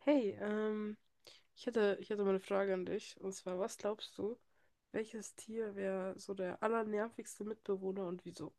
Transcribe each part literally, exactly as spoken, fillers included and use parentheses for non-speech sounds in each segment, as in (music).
Hey, ähm, ich hätte, ich hätte mal eine Frage an dich. Und zwar, was glaubst du, welches Tier wäre so der allernervigste Mitbewohner und wieso?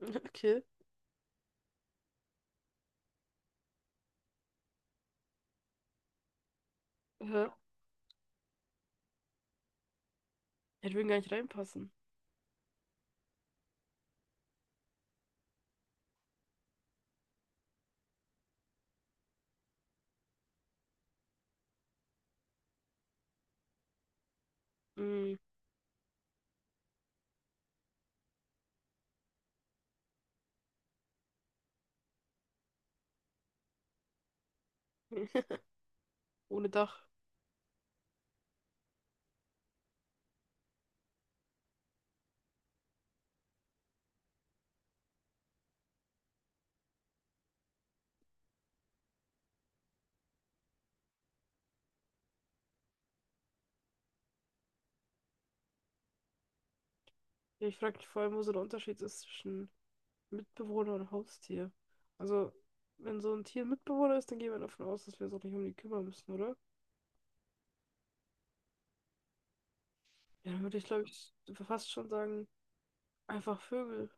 (laughs) Okay. Äh, Ich würde gar nicht reinpassen. Mm. (laughs) Ohne Dach. Ja, ich frage mich vor allem, wo so der Unterschied ist zwischen Mitbewohner und Haustier. Also, wenn so ein Tier ein Mitbewohner ist, dann gehen wir davon aus, dass wir uns auch nicht um die kümmern müssen, oder? Ja, dann würde ich, glaube ich, fast schon sagen, einfach Vögel.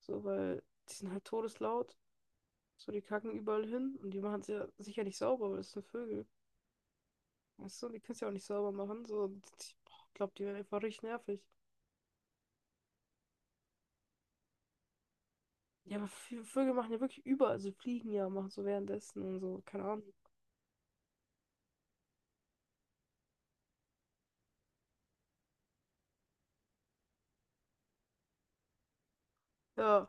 So, weil die sind halt todeslaut. So, die kacken überall hin und die machen es ja sicher nicht sauber, weil das sind Vögel. Weißt du, die können es ja auch nicht sauber machen. So, und ich glaube, die werden einfach richtig nervig. Ja, aber Vö- Vögel machen ja wirklich überall, also fliegen ja, machen so währenddessen und so, keine Ahnung. Ja,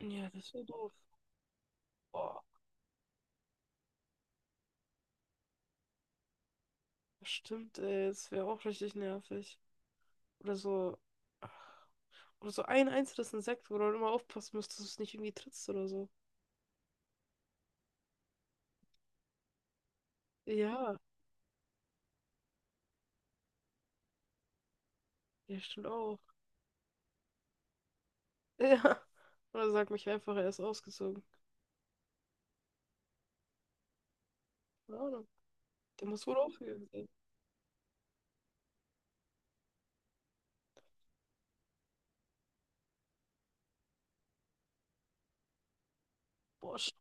ja, das wäre doof. Boah, stimmt, ey, das wäre auch richtig nervig. Oder so, ach, oder so ein einzelnes Insekt, wo du dann immer aufpassen musst, dass du es nicht irgendwie trittst oder so. Ja, ja, stimmt auch. (laughs) Ja, oder sag mich einfach, er ist ausgezogen. Keine Ahnung, der muss wohl aufhören. Boah, sch-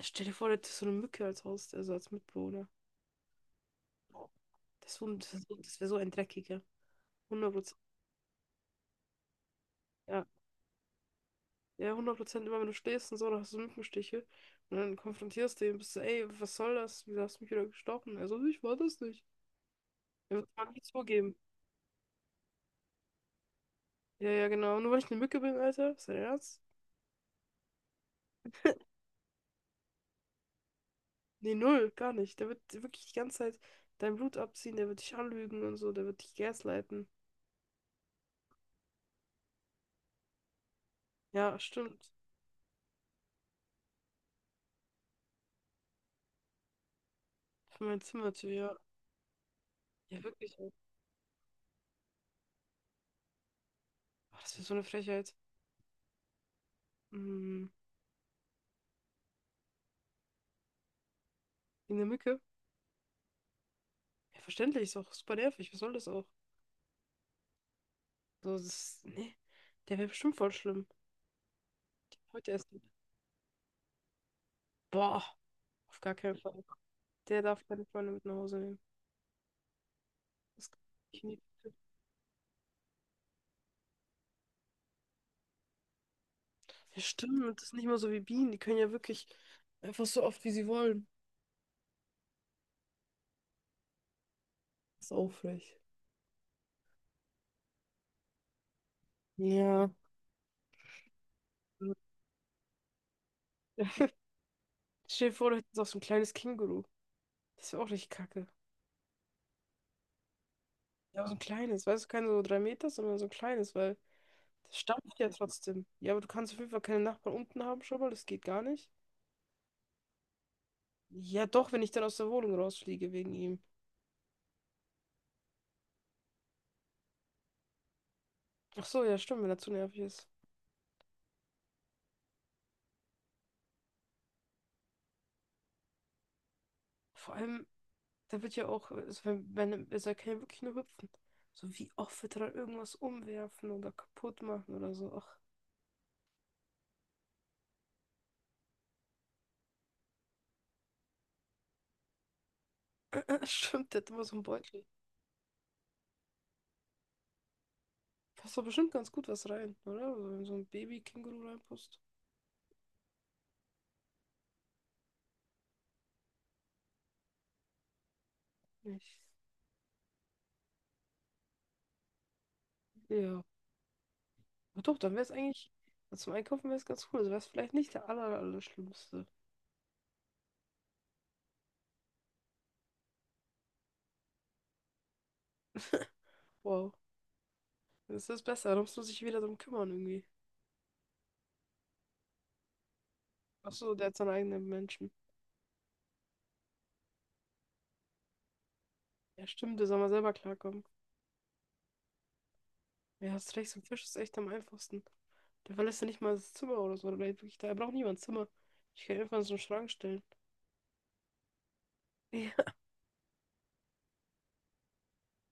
stell dir vor, du hättest so eine Mücke als Haus, also als Mitbewohner. Das, ist so- das wär so das wär so ein dreckiger. Hundert Prozent. Ja, ja, hundert Prozent immer, wenn du schläfst und so, dann hast du so Mückenstiche. Und dann konfrontierst du ihn, bist du, ey, was soll das? Wieso hast du mich wieder gestochen? Also ich war das nicht. Er wird mal nicht zugeben. Ja, ja, genau. Nur weil ich eine Mücke bin, Alter. Ist dein Ernst? Nee, null, gar nicht. Der wird wirklich die ganze Zeit dein Blut abziehen, der wird dich anlügen und so, der wird dich gaslighten. Ja, stimmt. Für mein Zimmer zu, ja. Ja, wirklich, ey. Boah, das wäre so eine Frechheit. Mhm. In der Mücke? Ja, verständlich, ist auch super nervig. Was soll das auch? So, das ist, nee, der wäre bestimmt voll schlimm. Heute erst. Boah, auf gar keinen Fall. Der darf keine Freunde mit nach Hause nehmen. Das kann ich nie. Ja, stimmt, das ist nicht mal so wie Bienen. Die können ja wirklich einfach so oft, wie sie wollen. Das ist aufrecht. Ja. (laughs) Stell dir vor, du hättest auch so ein kleines Känguru. Das wäre auch richtig kacke. Ja, aber so ein kleines, weißt du, kein so drei Meter, sondern so ein kleines, weil. Das stampft ja trotzdem. Ja, aber du kannst auf jeden Fall keine Nachbarn unten haben schon mal, das geht gar nicht. Ja, doch, wenn ich dann aus der Wohnung rausfliege wegen ihm. Ach so, ja, stimmt, wenn er zu nervig ist. Vor allem, der wird ja auch, also wenn, wenn also er kann ja wirklich nur hüpfen. So, wie oft wird er dann irgendwas umwerfen oder kaputt machen oder so? Ach, (laughs) stimmt, der hat immer so einen Beutel. Passt doch bestimmt ganz gut was rein, oder? Also, wenn so ein Baby-Känguru reinpasst. Nicht. Ja. Aber doch, dann wäre es eigentlich, zum Einkaufen wäre es ganz cool. Also wäre es vielleicht nicht der aller, aller schlimmste. (laughs) Wow. Das ist besser, da musst du dich wieder drum kümmern irgendwie. Ach so, der hat seinen eigenen Menschen. Ja, stimmt, der soll mal selber klarkommen. Ja, hast recht, so ein Fisch ist echt am einfachsten. Der verlässt ja nicht mal das Zimmer oder so. Der bleibt wirklich da. Er braucht niemand Zimmer. Ich kann ihn einfach in so einen Schrank stellen. (laughs) Ja,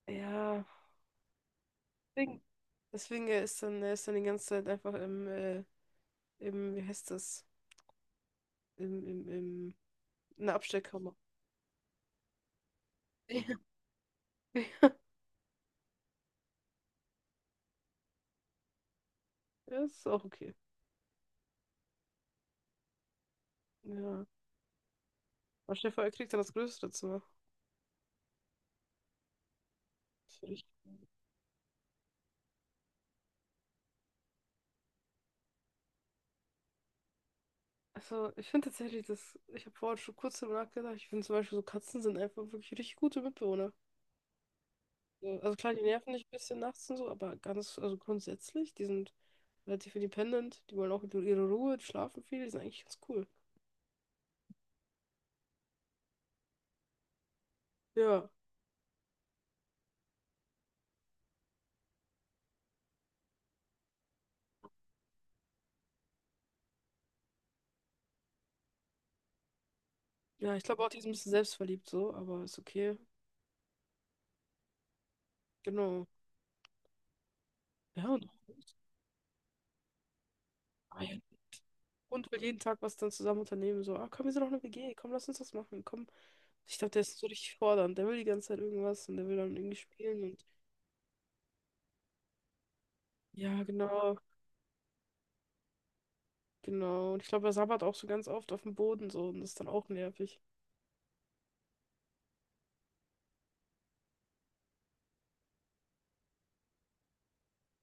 ja. Deswegen, deswegen er ist dann, er ist dann die ganze Zeit einfach im, äh, im, wie heißt das? Im, im, im, in der Abstellkammer. (laughs) Ja, ja, ist auch okay. Ja. Aber Stefan, er kriegt dann das größere Zimmer. Für dich. Also, ich finde tatsächlich, dass, ich habe vorhin schon kurz darüber nachgedacht, ich finde zum Beispiel so Katzen sind einfach wirklich richtig gute Mitbewohner. So, also klar, die nerven dich ein bisschen nachts und so, aber ganz, also grundsätzlich, die sind relativ independent, die wollen auch ihre ihre Ruhe, die schlafen viel, die sind eigentlich ganz cool. Ja, ja, ich glaube auch, die ist ein bisschen selbstverliebt so, aber ist okay. Genau. Ja, und auch Hund. Ah ja. Hund will jeden Tag was dann zusammen unternehmen, so, ah, komm, wir sind auch eine W G, komm, lass uns das machen, komm. Ich glaube, der ist so richtig fordernd, der will die ganze Zeit irgendwas und der will dann irgendwie spielen und ja, genau. Genau. Und ich glaube, er sabbert auch so ganz oft auf dem Boden so und das ist dann auch nervig.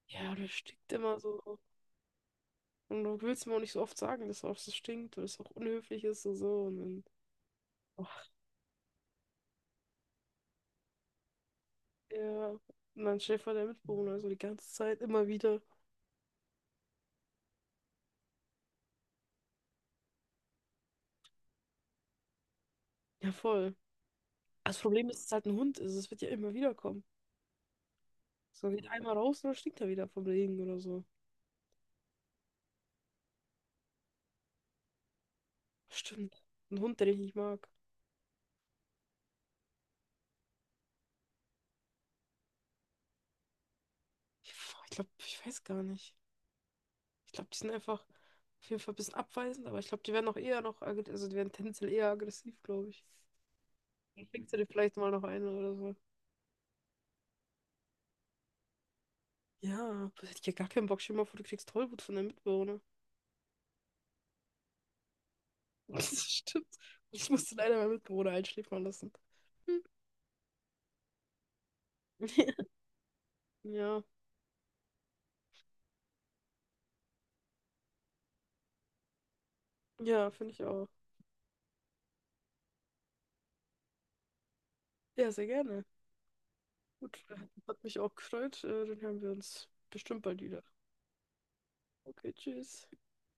Ja, oh, der stinkt immer so. Und du willst ihm auch nicht so oft sagen, dass er auch so stinkt oder dass es auch unhöflich ist und so. Und dann, och, ja. Und dann Schäfer der Mitbewohner, so die ganze Zeit immer wieder. Ja, voll. Das Problem ist, es ist halt ein Hund, also es wird ja immer wieder kommen. So geht einmal raus und dann stinkt er wieder vom Regen oder so. Stimmt. Ein Hund, den ich nicht mag. Ich, ich glaube, ich weiß gar nicht. Ich glaube, die sind einfach auf jeden Fall ein bisschen abweisend, aber ich glaube, die werden auch eher noch, agg- also die werden tendenziell eher aggressiv, glaube ich. Dann kriegst du dir vielleicht mal noch eine oder so. Ja, das hätte ich ja gar keinen Bock. Stell dir mal vor, du kriegst Tollwut von deinem Mitbewohner. (laughs) Das stimmt. Ich musste leider meinen Mitbewohner einschläfern lassen. Hm. (laughs) Ja, ja, finde ich auch. Ja, sehr gerne. Gut, hat mich auch gefreut. Äh, Dann hören wir uns bestimmt bald wieder. Okay, tschüss.